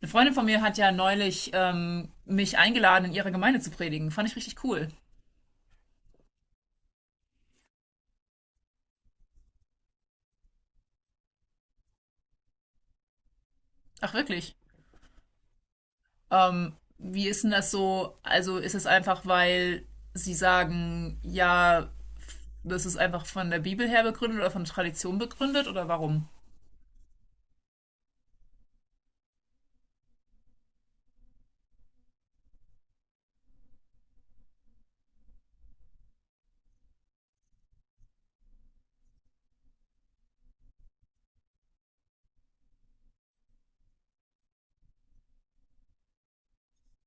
Eine Freundin von mir hat ja neulich mich eingeladen, in ihrer Gemeinde zu predigen. Fand ich richtig cool. Ach, wirklich. Wie ist denn das so? Also ist es einfach, weil sie sagen, ja, das ist einfach von der Bibel her begründet oder von Tradition begründet oder warum?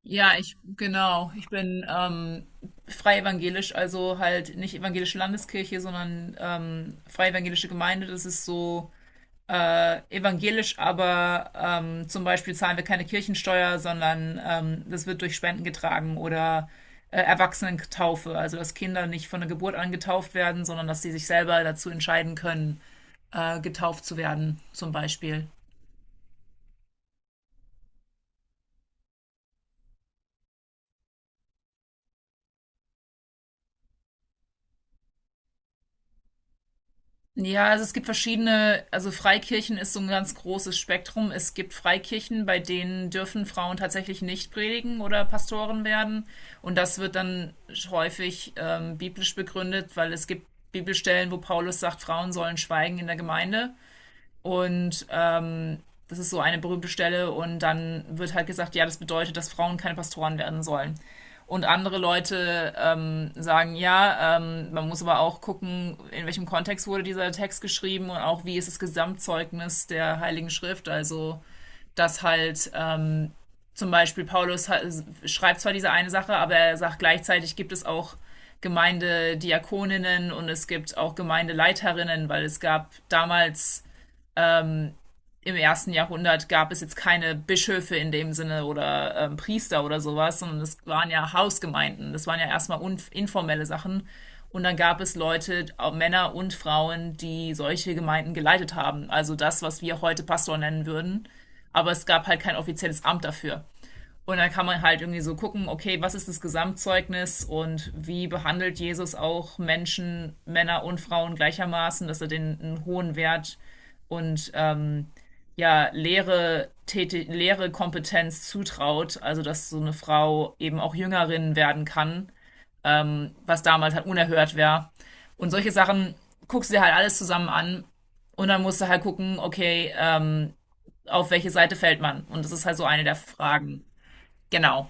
Ja, ich, genau. Ich bin frei evangelisch, also halt nicht evangelische Landeskirche, sondern frei evangelische Gemeinde. Das ist so evangelisch, aber zum Beispiel zahlen wir keine Kirchensteuer, sondern das wird durch Spenden getragen oder Erwachsenentaufe, also dass Kinder nicht von der Geburt an getauft werden, sondern dass sie sich selber dazu entscheiden können, getauft zu werden, zum Beispiel. Ja, also es gibt verschiedene, also Freikirchen ist so ein ganz großes Spektrum. Es gibt Freikirchen, bei denen dürfen Frauen tatsächlich nicht predigen oder Pastoren werden. Und das wird dann häufig biblisch begründet, weil es gibt Bibelstellen, wo Paulus sagt, Frauen sollen schweigen in der Gemeinde. Und das ist so eine berühmte Stelle. Und dann wird halt gesagt, ja, das bedeutet, dass Frauen keine Pastoren werden sollen. Und andere Leute sagen, ja, man muss aber auch gucken, in welchem Kontext wurde dieser Text geschrieben und auch wie ist das Gesamtzeugnis der Heiligen Schrift. Also, dass halt zum Beispiel Paulus schreibt zwar diese eine Sache, aber er sagt gleichzeitig gibt es auch Gemeindediakoninnen und es gibt auch Gemeindeleiterinnen, weil es gab damals im ersten Jahrhundert gab es jetzt keine Bischöfe in dem Sinne oder Priester oder sowas, sondern es waren ja Hausgemeinden. Das waren ja erstmal informelle Sachen. Und dann gab es Leute, auch Männer und Frauen, die solche Gemeinden geleitet haben. Also das, was wir heute Pastor nennen würden. Aber es gab halt kein offizielles Amt dafür. Und dann kann man halt irgendwie so gucken, okay, was ist das Gesamtzeugnis und wie behandelt Jesus auch Menschen, Männer und Frauen gleichermaßen, dass er den einen hohen Wert und ja, leere Kompetenz zutraut, also dass so eine Frau eben auch Jüngerin werden kann, was damals halt unerhört wäre. Und solche Sachen guckst du dir halt alles zusammen an und dann musst du halt gucken, okay, auf welche Seite fällt man? Und das ist halt so eine der Fragen. Genau.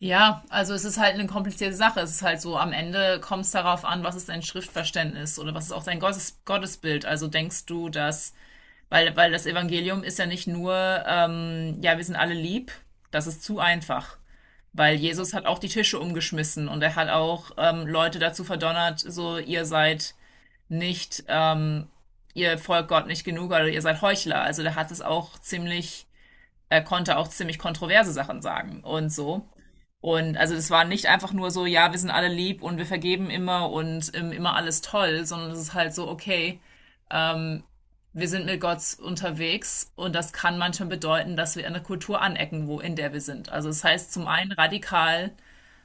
Ja, also es ist halt eine komplizierte Sache. Es ist halt so, am Ende kommt es darauf an, was ist dein Schriftverständnis oder was ist auch dein Gottesbild. Also denkst du, dass, weil das Evangelium ist ja nicht nur, ja, wir sind alle lieb, das ist zu einfach. Weil Jesus hat auch die Tische umgeschmissen und er hat auch Leute dazu verdonnert, so ihr seid nicht, ihr folgt Gott nicht genug oder ihr seid Heuchler. Also der hat es auch ziemlich, er konnte auch ziemlich kontroverse Sachen sagen und so. Und also das war nicht einfach nur so, ja, wir sind alle lieb und wir vergeben immer und immer alles toll, sondern es ist halt so, okay, wir sind mit Gott unterwegs und das kann manchmal bedeuten, dass wir in der Kultur anecken, wo in der wir sind. Also das heißt zum einen radikal,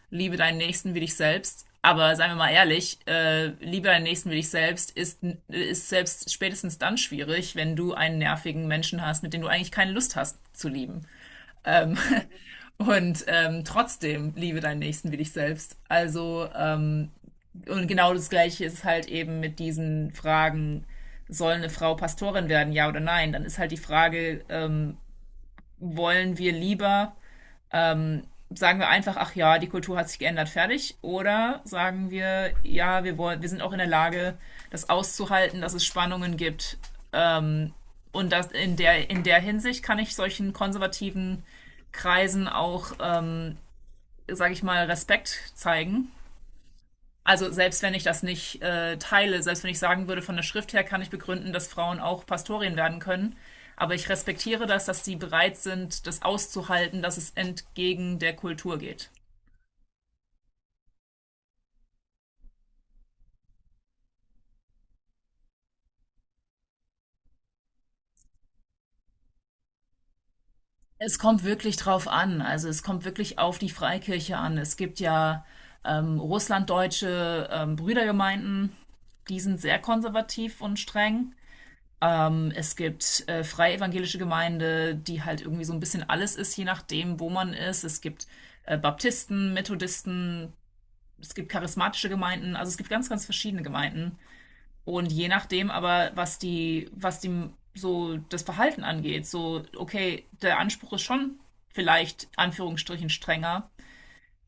liebe deinen Nächsten wie dich selbst, aber seien wir mal ehrlich, liebe deinen Nächsten wie dich selbst ist selbst spätestens dann schwierig, wenn du einen nervigen Menschen hast, mit dem du eigentlich keine Lust hast zu lieben. Und trotzdem liebe deinen Nächsten wie dich selbst. Also und genau das Gleiche ist halt eben mit diesen Fragen, soll eine Frau Pastorin werden, ja oder nein? Dann ist halt die Frage, wollen wir lieber, ähm, sagen wir einfach, ach ja, die Kultur hat sich geändert, fertig? Oder sagen wir, ja, wir wollen, wir sind auch in der Lage, das auszuhalten, dass es Spannungen gibt. Ähm, und das in der Hinsicht kann ich solchen konservativen Kreisen auch, sage ich mal, Respekt zeigen, also selbst wenn ich das nicht teile, selbst wenn ich sagen würde, von der Schrift her kann ich begründen, dass Frauen auch Pastorien werden können. Aber ich respektiere das, dass sie bereit sind, das auszuhalten, dass es entgegen der Kultur geht. Es kommt wirklich drauf an. Also es kommt wirklich auf die Freikirche an. Es gibt ja russlanddeutsche Brüdergemeinden, die sind sehr konservativ und streng. Es gibt freie evangelische Gemeinde, die halt irgendwie so ein bisschen alles ist, je nachdem, wo man ist. Es gibt Baptisten, Methodisten, es gibt charismatische Gemeinden, also es gibt ganz, ganz verschiedene Gemeinden. Und je nachdem aber, was die so das Verhalten angeht, so, okay, der Anspruch ist schon vielleicht Anführungsstrichen strenger,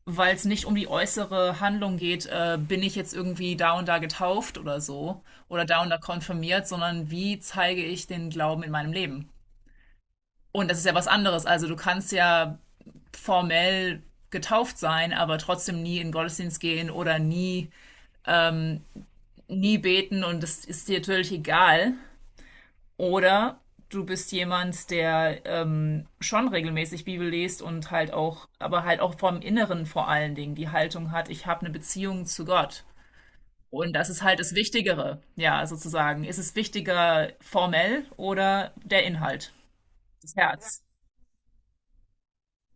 weil es nicht um die äußere Handlung geht, bin ich jetzt irgendwie da und da getauft oder so oder da und da konfirmiert, sondern wie zeige ich den Glauben in meinem Leben? Und das ist ja was anderes. Also du kannst ja formell getauft sein, aber trotzdem nie in den Gottesdienst gehen oder nie beten und das ist dir natürlich egal. Oder du bist jemand, der schon regelmäßig Bibel liest und halt auch, aber halt auch vom Inneren vor allen Dingen die Haltung hat, ich habe eine Beziehung zu Gott. Und das ist halt das Wichtigere, ja, sozusagen. Ist es wichtiger formell oder der Inhalt, das Herz?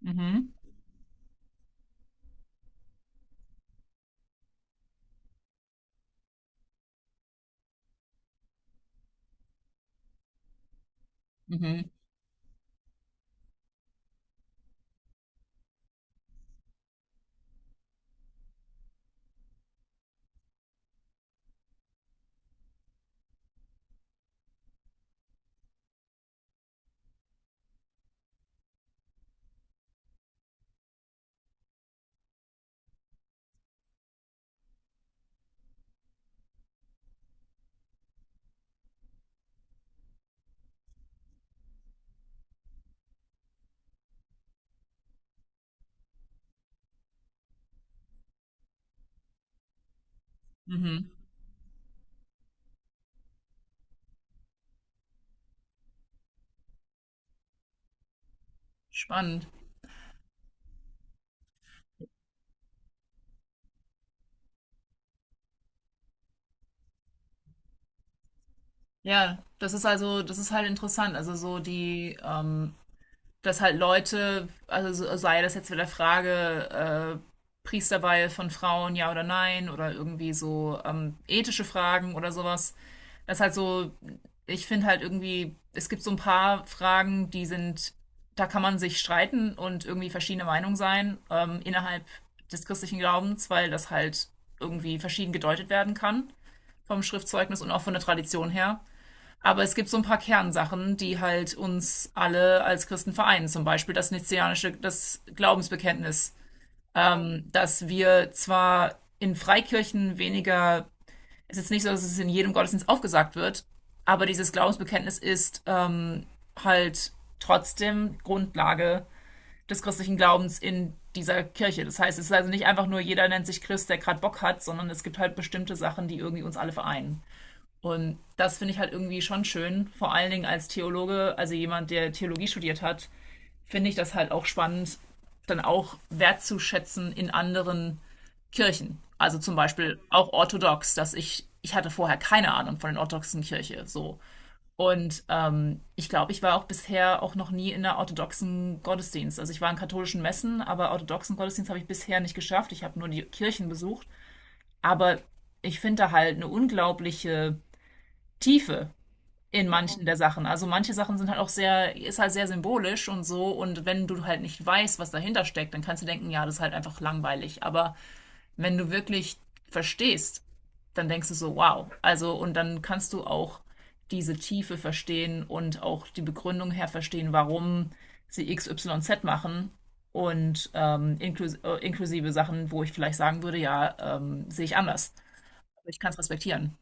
Mhm, mhm, mhm. Spannend. Ja, das ist halt interessant. Also so die, dass halt Leute, also sei das jetzt wieder Frage, Priesterweihe von Frauen, ja oder nein, oder irgendwie so ethische Fragen oder sowas. Das ist halt so, ich finde halt irgendwie, es gibt so ein paar Fragen, die sind, da kann man sich streiten und irgendwie verschiedene Meinungen sein innerhalb des christlichen Glaubens, weil das halt irgendwie verschieden gedeutet werden kann vom Schriftzeugnis und auch von der Tradition her. Aber es gibt so ein paar Kernsachen, die halt uns alle als Christen vereinen. Zum Beispiel das nizianische, das Glaubensbekenntnis, dass wir zwar in Freikirchen weniger, es ist jetzt nicht so, dass es in jedem Gottesdienst aufgesagt wird, aber dieses Glaubensbekenntnis ist halt trotzdem Grundlage des christlichen Glaubens in dieser Kirche. Das heißt, es ist also nicht einfach nur jeder nennt sich Christ, der gerade Bock hat, sondern es gibt halt bestimmte Sachen, die irgendwie uns alle vereinen. Und das finde ich halt irgendwie schon schön, vor allen Dingen als Theologe, also jemand, der Theologie studiert hat, finde ich das halt auch spannend, dann auch wertzuschätzen in anderen Kirchen. Also zum Beispiel auch orthodox, dass ich hatte vorher keine Ahnung von der orthodoxen Kirche. So. Und ich glaube, ich war auch bisher auch noch nie in einer orthodoxen Gottesdienst. Also ich war in katholischen Messen, aber orthodoxen Gottesdienst habe ich bisher nicht geschafft. Ich habe nur die Kirchen besucht. Aber ich finde da halt eine unglaubliche Tiefe in manchen der Sachen. Also manche Sachen sind halt auch sehr, ist halt sehr symbolisch und so. Und wenn du halt nicht weißt, was dahinter steckt, dann kannst du denken, ja, das ist halt einfach langweilig. Aber wenn du wirklich verstehst, dann denkst du so, wow. Also, und dann kannst du auch diese Tiefe verstehen und auch die Begründung her verstehen, warum sie XYZ machen. Und inklusive Sachen, wo ich vielleicht sagen würde, ja, sehe ich anders. Aber ich kann es respektieren.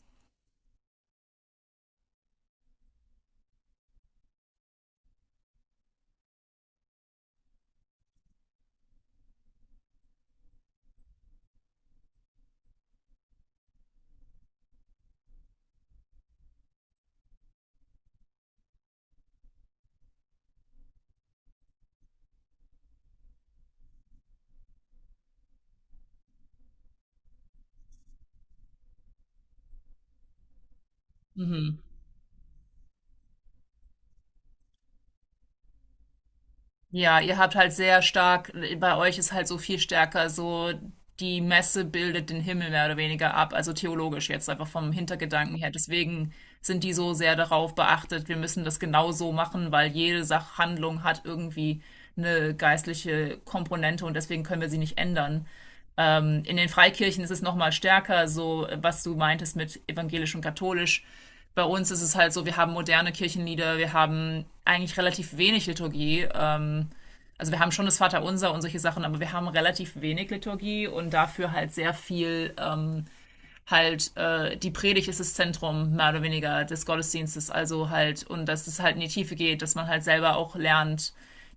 Mhm. Ja, ihr habt halt sehr stark, bei euch ist halt so viel stärker, so die Messe bildet den Himmel mehr oder weniger ab, also theologisch jetzt einfach vom Hintergedanken her. Deswegen sind die so sehr darauf beachtet, wir müssen das genau so machen, weil jede Sachhandlung hat irgendwie eine geistliche Komponente und deswegen können wir sie nicht ändern. In den Freikirchen ist es nochmal stärker, so was du meintest mit evangelisch und katholisch. Bei uns ist es halt so, wir haben moderne Kirchenlieder, wir haben eigentlich relativ wenig Liturgie, also wir haben schon das Vaterunser und solche Sachen, aber wir haben relativ wenig Liturgie und dafür halt sehr viel die Predigt ist das Zentrum mehr oder weniger des Gottesdienstes, also halt und dass es halt in die Tiefe geht, dass man halt selber auch lernt,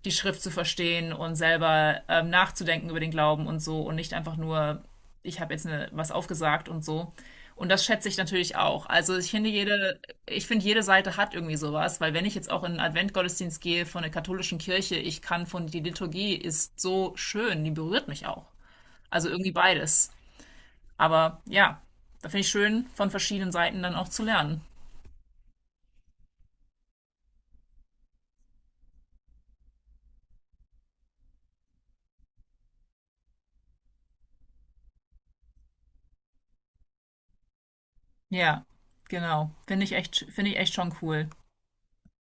die Schrift zu verstehen und selber nachzudenken über den Glauben und so und nicht einfach nur ich habe jetzt eine, was aufgesagt und so. Und das schätze ich natürlich auch. Also ich finde jede Seite hat irgendwie sowas, weil wenn ich jetzt auch in einen Adventgottesdienst gehe von der katholischen Kirche, ich kann von die Liturgie ist so schön, die berührt mich auch. Also irgendwie beides. Aber ja, da finde ich schön, von verschiedenen Seiten dann auch zu lernen. Ja, genau. Finde ich echt schon cool.